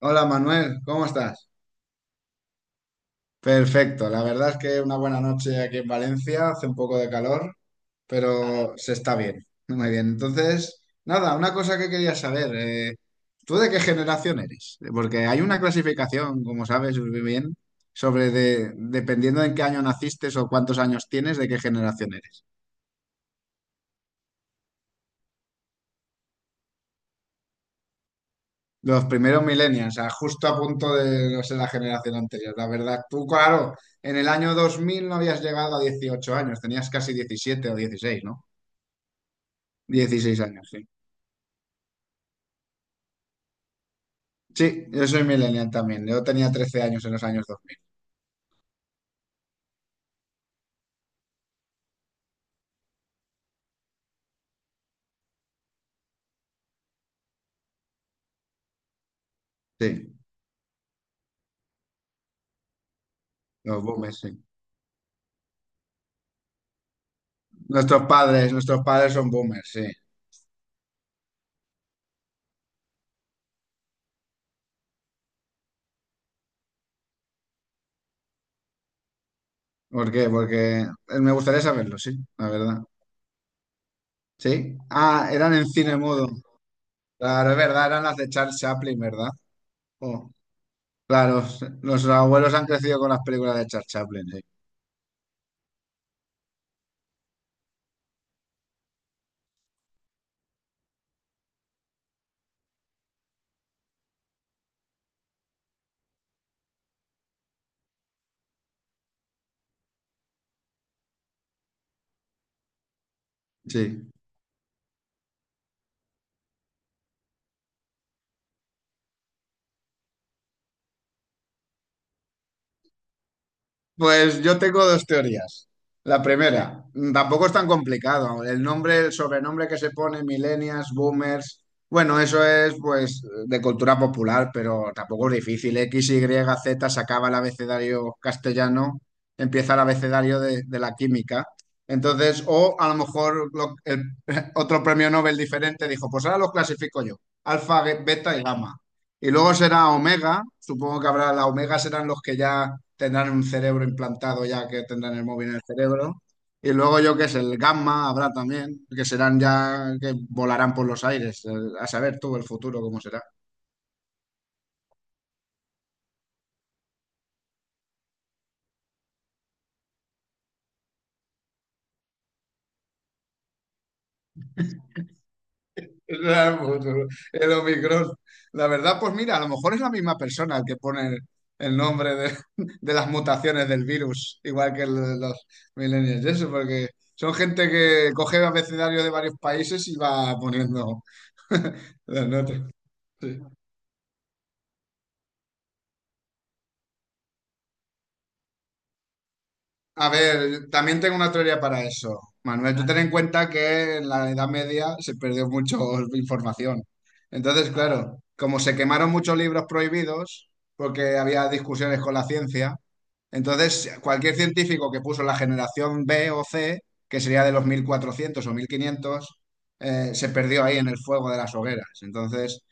Hola Manuel, ¿cómo estás? Perfecto, la verdad es que una buena noche aquí en Valencia, hace un poco de calor, pero se está bien, muy bien. Entonces, nada, una cosa que quería saber, ¿tú de qué generación eres? Porque hay una clasificación, como sabes muy bien, sobre dependiendo de en qué año naciste o cuántos años tienes, de qué generación eres. Los primeros millennials, o sea, justo a punto de, no sé, la generación anterior. La verdad, tú, claro, en el año 2000 no habías llegado a 18 años, tenías casi 17 o 16, ¿no? 16 años, sí. Sí, yo soy millennial también. Yo tenía 13 años en los años dos mil. Sí, los boomers, sí. Nuestros padres son boomers, sí. ¿Por qué? Porque me gustaría saberlo, sí, la verdad. Sí. Ah, eran en cine mudo. Claro, es verdad, eran las de Charles Chaplin, ¿verdad? Oh. Claro, los abuelos han crecido con las películas de Charles Chaplin, sí. Sí. Pues yo tengo dos teorías. La primera, tampoco es tan complicado. El nombre, el sobrenombre que se pone, millennials, boomers, bueno, eso es pues de cultura popular, pero tampoco es difícil. X, Y, Z se acaba el abecedario castellano, empieza el abecedario de la química. Entonces, o a lo mejor otro premio Nobel diferente dijo, pues ahora los clasifico yo, alfa, beta y gamma. Y luego será Omega, supongo que habrá, la Omega serán los que ya tendrán un cerebro implantado, ya que tendrán el móvil en el cerebro. Y luego yo que es el Gamma habrá también, que serán ya, que volarán por los aires, a saber tú el futuro cómo será. El futuro, el Omicron. La verdad, pues mira, a lo mejor es la misma persona el que pone el nombre de las mutaciones del virus, igual que el de los millennials, y eso, porque son gente que coge abecedarios de varios países y va poniendo las notas, sí. A ver, también tengo una teoría para eso. Manuel, tú ten en cuenta que en la Edad Media se perdió mucho información. Entonces, claro, como se quemaron muchos libros prohibidos, porque había discusiones con la ciencia, entonces cualquier científico que puso la generación B o C, que sería de los 1400 o 1500, se perdió ahí en el fuego de las hogueras. Entonces,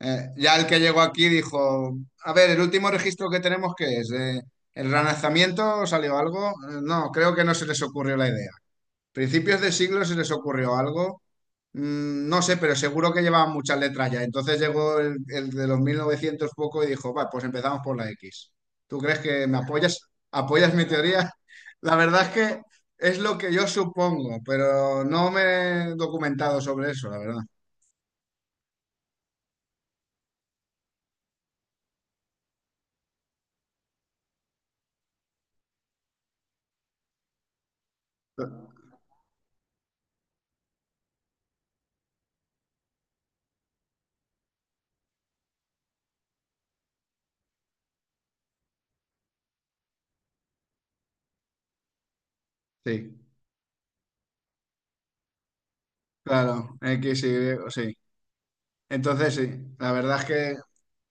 ya el que llegó aquí dijo, a ver, el último registro que tenemos, ¿qué es? ¿El relanzamiento salió algo? No, creo que no se les ocurrió la idea. Principios de siglo se les ocurrió algo. Mm, No sé, pero seguro que llevaban muchas letras ya. Entonces llegó el de los 1900 poco y dijo, va, pues empezamos por la X. ¿Tú crees que me apoyas? ¿Apoyas mi teoría? La verdad es que es lo que yo supongo, pero no me he documentado sobre eso, la verdad. Sí, claro, X, Y, sí. Entonces sí, la verdad es que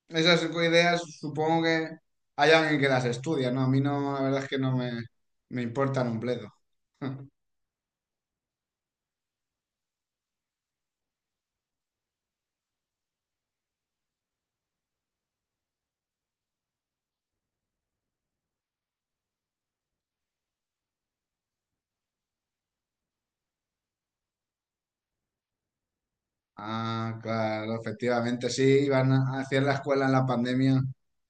esas ideas supongo que hay alguien que las estudia, ¿no? A mí no, la verdad es que no me importan un bledo. Ah, claro, efectivamente, sí, iban a hacer la escuela en la pandemia.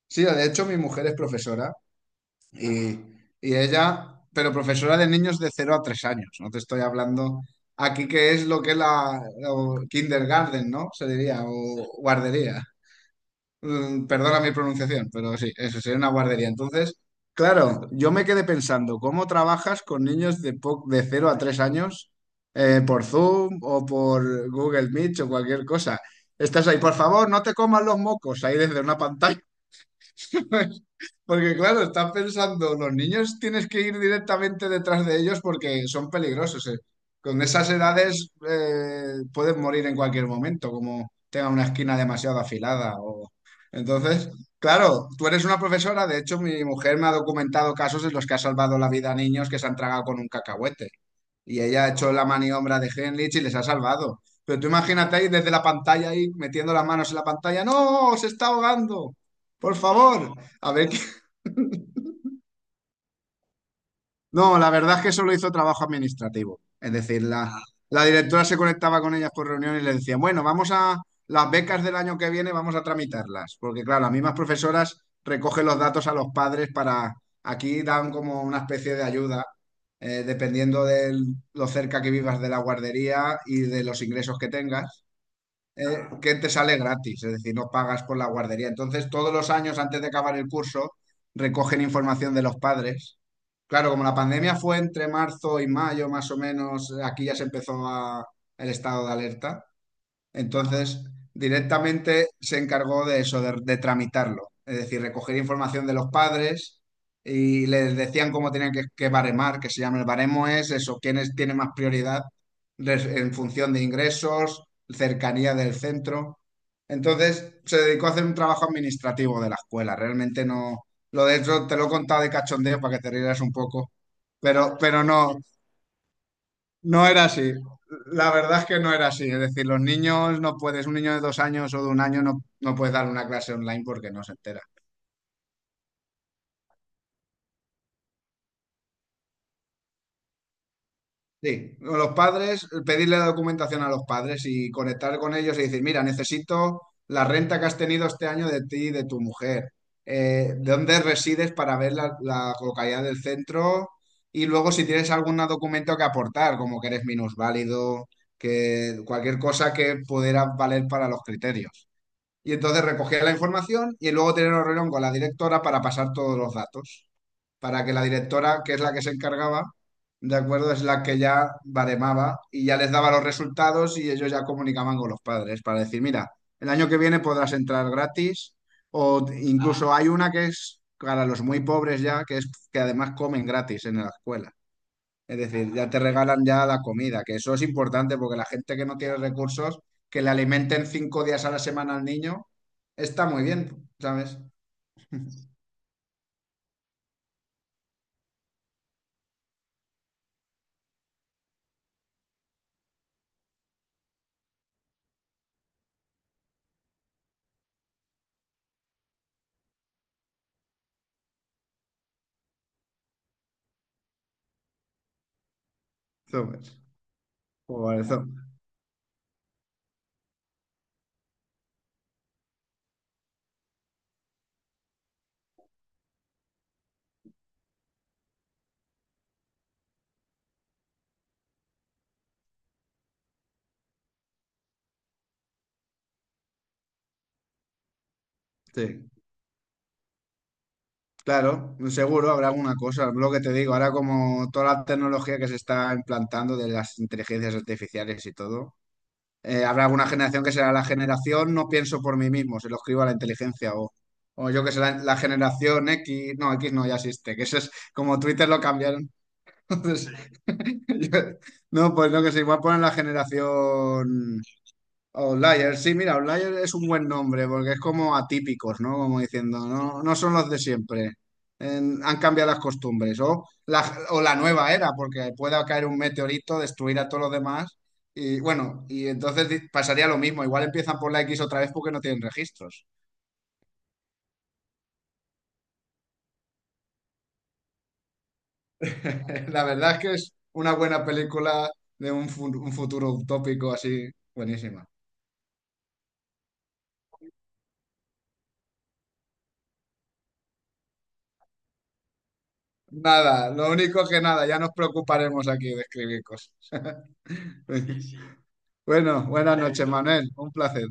Sí, de hecho mi mujer es profesora y, y ella, pero profesora de niños de cero a 3 años, no te estoy hablando aquí que es lo que es la o kindergarten, ¿no? Se diría, o guardería. Mm, Perdona mi pronunciación, pero sí, eso sería una guardería. Entonces, claro, yo me quedé pensando, ¿cómo trabajas con niños de 0 a 3 años por Zoom o por Google Meet o cualquier cosa? Estás ahí, por favor, no te comas los mocos ahí desde una pantalla. Porque claro, están pensando, los niños tienes que ir directamente detrás de ellos porque son peligrosos. Con esas edades pueden morir en cualquier momento, como tenga una esquina demasiado afilada. O... Entonces, claro, tú eres una profesora, de hecho mi mujer me ha documentado casos en los que ha salvado la vida a niños que se han tragado con un cacahuete. Y ella ha hecho la maniobra de Henlich y les ha salvado. Pero tú imagínate ahí desde la pantalla, ahí metiendo las manos en la pantalla. ¡No! ¡Se está ahogando! Por favor, a ver. No, la verdad es que solo hizo trabajo administrativo. Es decir, la directora se conectaba con ellas por reunión y le decía, bueno, vamos a las becas del año que viene, vamos a tramitarlas. Porque claro, las mismas profesoras recogen los datos a los padres para, aquí dan como una especie de ayuda, dependiendo de lo cerca que vivas de la guardería y de los ingresos que tengas, que te sale gratis, es decir, no pagas por la guardería. Entonces, todos los años antes de acabar el curso, recogen información de los padres. Claro, como la pandemia fue entre marzo y mayo, más o menos, aquí ya se empezó el estado de alerta. Entonces, directamente se encargó de eso, de tramitarlo. Es decir, recoger información de los padres y les decían cómo tenían que baremar, que se llama el baremo es eso, quiénes tienen más prioridad en función de ingresos, cercanía del centro. Entonces, se dedicó a hacer un trabajo administrativo de la escuela. Realmente no, lo de hecho te lo he contado de cachondeo para que te rieras un poco, pero no, no era así. La verdad es que no era así. Es decir, los niños no puedes, un niño de 2 años o de un año no, no puedes dar una clase online porque no se entera. Sí, o los padres, pedirle la documentación a los padres y conectar con ellos y decir, mira, necesito la renta que has tenido este año de ti y de tu mujer. ¿De dónde resides para ver la localidad del centro? Y luego si tienes algún documento que aportar, como que eres minusválido, que cualquier cosa que pudiera valer para los criterios. Y entonces recogía la información y luego tener una reunión con la directora para pasar todos los datos. Para que la directora, que es la que se encargaba, de acuerdo, es la que ya baremaba y ya les daba los resultados y ellos ya comunicaban con los padres para decir, mira, el año que viene podrás entrar gratis o incluso hay una que es para los muy pobres ya, que es que además comen gratis en la escuela. Es decir, ya te regalan ya la comida, que eso es importante porque la gente que no tiene recursos, que le alimenten 5 días a la semana al niño, está muy bien, ¿sabes? Zomers. Joder, sí. Claro, seguro habrá alguna cosa. Lo que te digo, ahora como toda la tecnología que se está implantando de las inteligencias artificiales y todo, habrá alguna generación que será la generación no pienso por mí mismo, se lo escribo a la inteligencia o yo que sé, la generación X no ya existe, que eso es como Twitter lo cambiaron. Entonces, yo- no, pues no, que se igual ponen la generación Outlier. Sí, mira, Outlier es un buen nombre porque es como atípicos, ¿no? Como diciendo, no, no son los de siempre. Han cambiado las costumbres. O la nueva era, porque pueda caer un meteorito, destruir a todos los demás. Y bueno, y entonces pasaría lo mismo. Igual empiezan por la X otra vez porque no tienen registros. La verdad es que es una buena película de un futuro utópico así, buenísima. Nada, lo único que nada, ya nos preocuparemos aquí de escribir cosas. Bueno, buenas noches, Manuel, un placer.